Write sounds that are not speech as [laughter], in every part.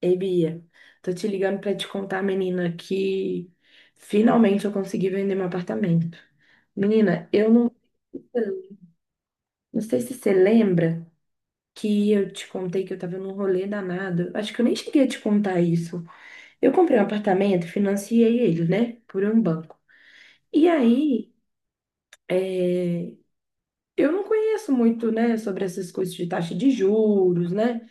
Ei, Bia, tô te ligando pra te contar, menina, que finalmente eu consegui vender meu apartamento. Menina, eu não, não sei se você lembra que eu te contei que eu tava num rolê danado. Acho que eu nem cheguei a te contar isso. Eu comprei um apartamento, financiei ele, né, por um banco. E aí, é, eu não conheço muito, né, sobre essas coisas de taxa de juros, né?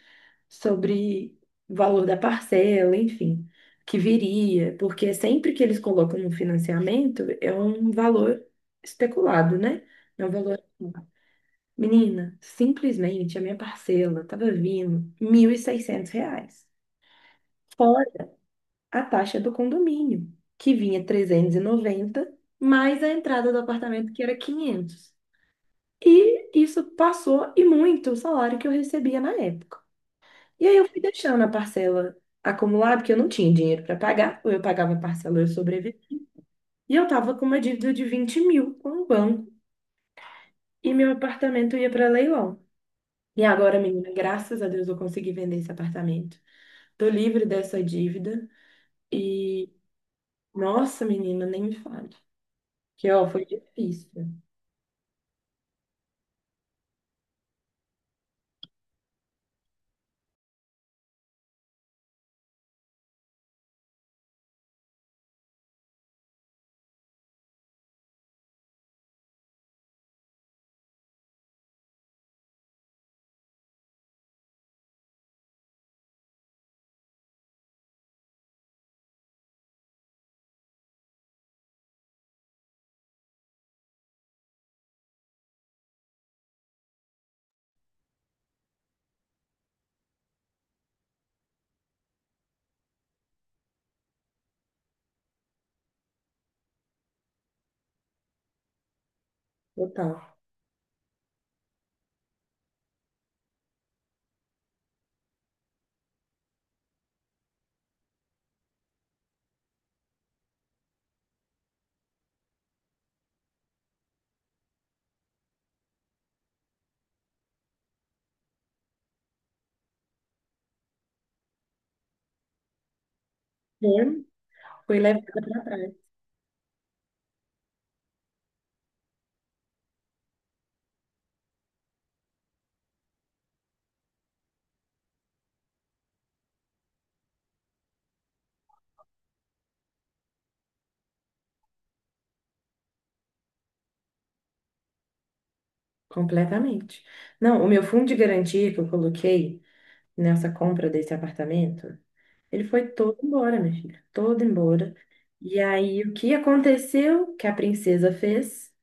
Sobre o valor da parcela, enfim, que viria, porque sempre que eles colocam um financiamento é um valor especulado, né? É um valor, assim. Menina, simplesmente a minha parcela estava vindo 1.600 reais, fora a taxa do condomínio, que vinha 390, mais a entrada do apartamento, que era quinhentos. E isso passou e muito o salário que eu recebia na época. E aí eu fui deixando a parcela acumular, porque eu não tinha dinheiro para pagar, ou eu pagava a parcela ou eu sobrevivia. E eu tava com uma dívida de 20 mil com o banco, e meu apartamento ia para leilão. E agora, menina, graças a Deus eu consegui vender esse apartamento. Tô livre dessa dívida e, nossa, menina, nem me fale. Que, ó, foi difícil, total. Foi foi levada para trás, completamente. Não, o meu fundo de garantia que eu coloquei nessa compra desse apartamento, ele foi todo embora, minha filha, todo embora. E aí, o que aconteceu? Que a princesa fez?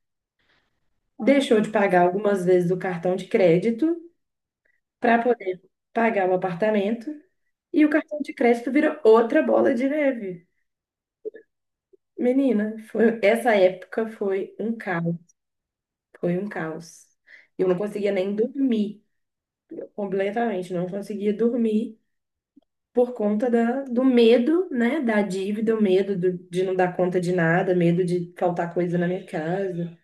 Deixou de pagar algumas vezes o cartão de crédito para poder pagar o apartamento. E o cartão de crédito virou outra bola de neve. Menina, foi, essa época foi um caos, foi um caos. Eu não conseguia nem dormir, completamente, não conseguia dormir por conta da, do medo, né, da dívida, o medo do- de não dar conta de nada, medo de faltar coisa na minha casa.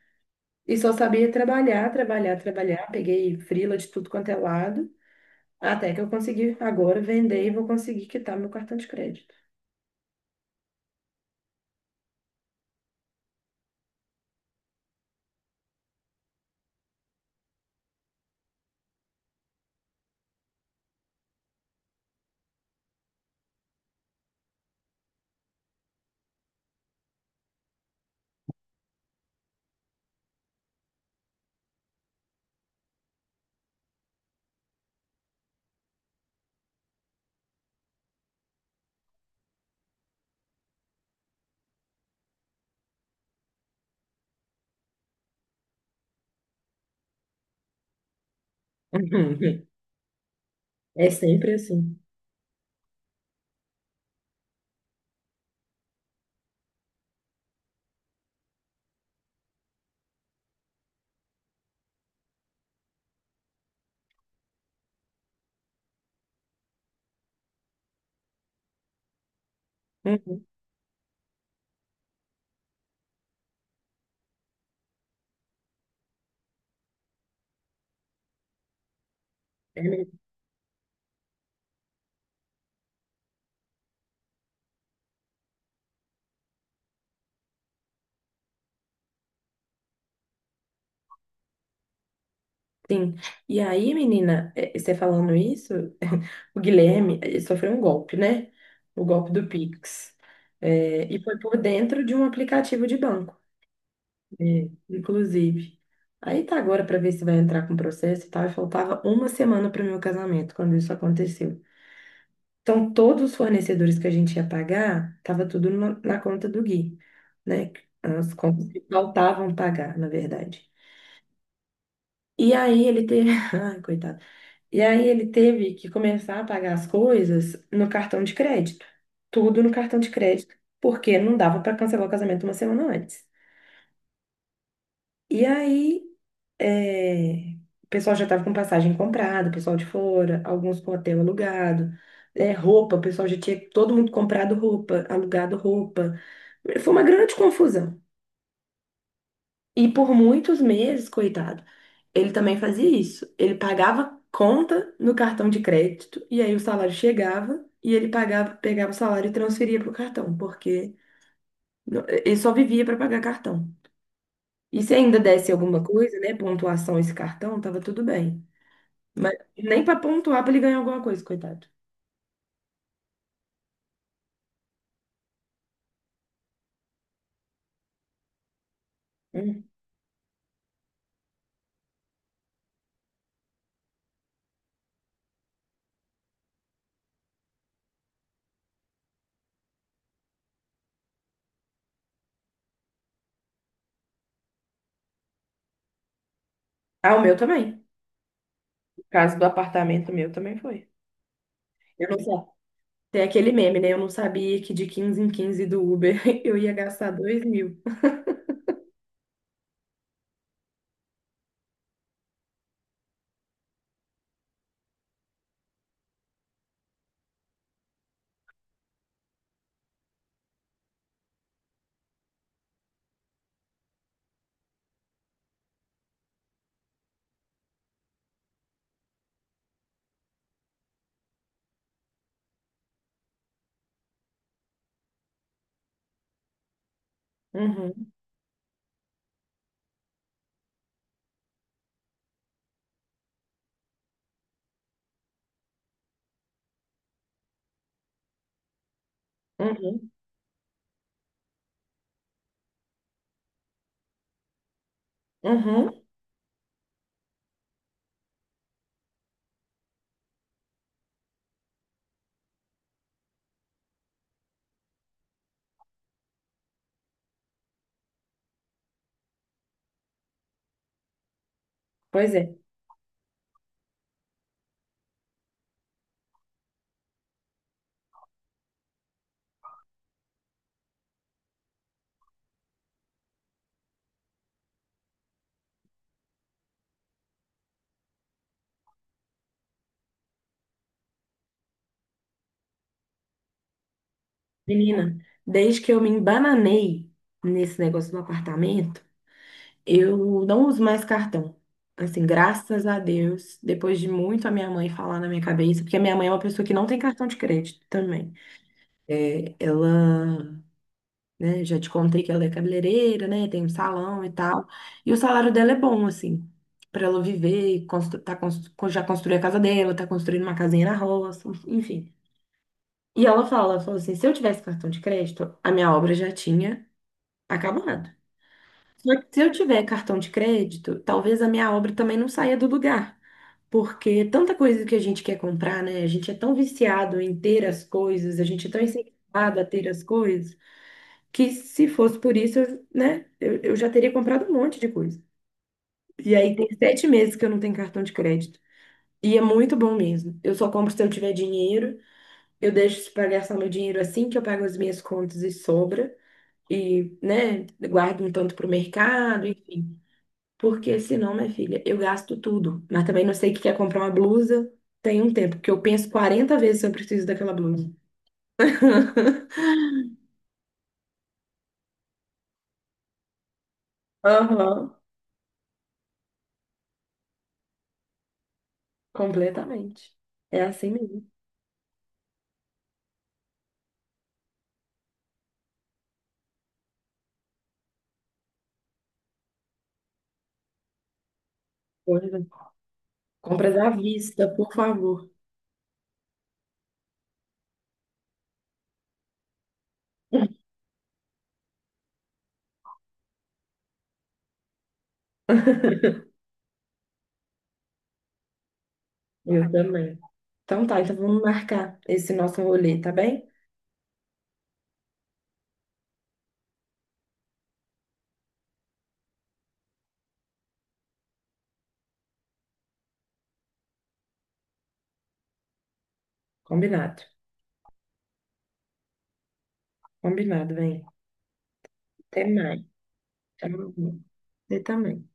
E só sabia trabalhar, trabalhar, trabalhar. Peguei frila de tudo quanto é lado, até que eu consegui agora vender e vou conseguir quitar meu cartão de crédito. Uhum. É sempre assim. Uhum. É mesmo. Sim. E aí, menina, você falando isso, [laughs] o Guilherme ele sofreu um golpe, né? O golpe do Pix. É, e foi por dentro de um aplicativo de banco. É, inclusive. Aí tá agora para ver se vai entrar com processo e tal. E faltava uma semana para meu casamento quando isso aconteceu. Então, todos os fornecedores que a gente ia pagar, tava tudo na, na conta do Gui, né? As contas que faltavam pagar, na verdade. E aí ele teve. [laughs] Ai, coitado. E aí ele teve que começar a pagar as coisas no cartão de crédito. Tudo no cartão de crédito, porque não dava para cancelar o casamento uma semana antes. E aí, É, o pessoal já estava com passagem comprada, o pessoal de fora, alguns com hotel alugado, é, roupa, o pessoal já tinha todo mundo comprado roupa, alugado roupa. Foi uma grande confusão. E por muitos meses, coitado, ele também fazia isso. Ele pagava conta no cartão de crédito, e aí o salário chegava, e ele pagava, pegava o salário e transferia para o cartão, porque no- ele só vivia para pagar cartão. E se ainda desse alguma coisa, né, pontuação esse cartão, tava tudo bem. Mas nem pra pontuar pra ele ganhar alguma coisa, coitado. Hum. Ah, o meu também. O caso do apartamento meu também foi. Eu não sei. Tem aquele meme, né? Eu não sabia que de 15 em 15 do Uber [laughs] eu ia gastar 2 mil. Uhum, uhum, uhum. Pois é. Menina, desde que eu me embananei nesse negócio do apartamento, eu não uso mais cartão. Assim, graças a Deus, depois de muito a minha mãe falar na minha cabeça, porque a minha mãe é uma pessoa que não tem cartão de crédito também. Ela né? Já te contei que ela é cabeleireira, né? Tem um salão e tal. E o salário dela é bom, assim, para ela viver, e constru tá constru já construiu a casa dela, tá construindo uma casinha na roça, enfim. E ela fala, ela falou assim, se eu tivesse cartão de crédito, a minha obra já tinha acabado. Só que se eu tiver cartão de crédito, talvez a minha obra também não saia do lugar. Porque tanta coisa que a gente quer comprar, né? A gente é tão viciado em ter as coisas, a gente é tão incentivado a ter as coisas que se fosse por isso, eu, né, eu já teria comprado um monte de coisa. E aí tem 7 meses que eu não tenho cartão de crédito. E é muito bom mesmo. Eu só compro se eu tiver dinheiro, eu deixo para gastar meu dinheiro assim que eu pago as minhas contas e sobra. E, né, guardo um tanto para o mercado, enfim. Porque senão, minha filha, eu gasto tudo. Mas também não sei o que quer comprar uma blusa. Tem um tempo, porque eu penso 40 vezes se eu preciso daquela blusa. [laughs] Aham, completamente. É assim mesmo. Compras à vista, por favor. [laughs] Eu também. Então tá, então vamos marcar esse nosso rolê, tá bem? Combinado. Combinado, vem. Até mais. Tchau. Você também.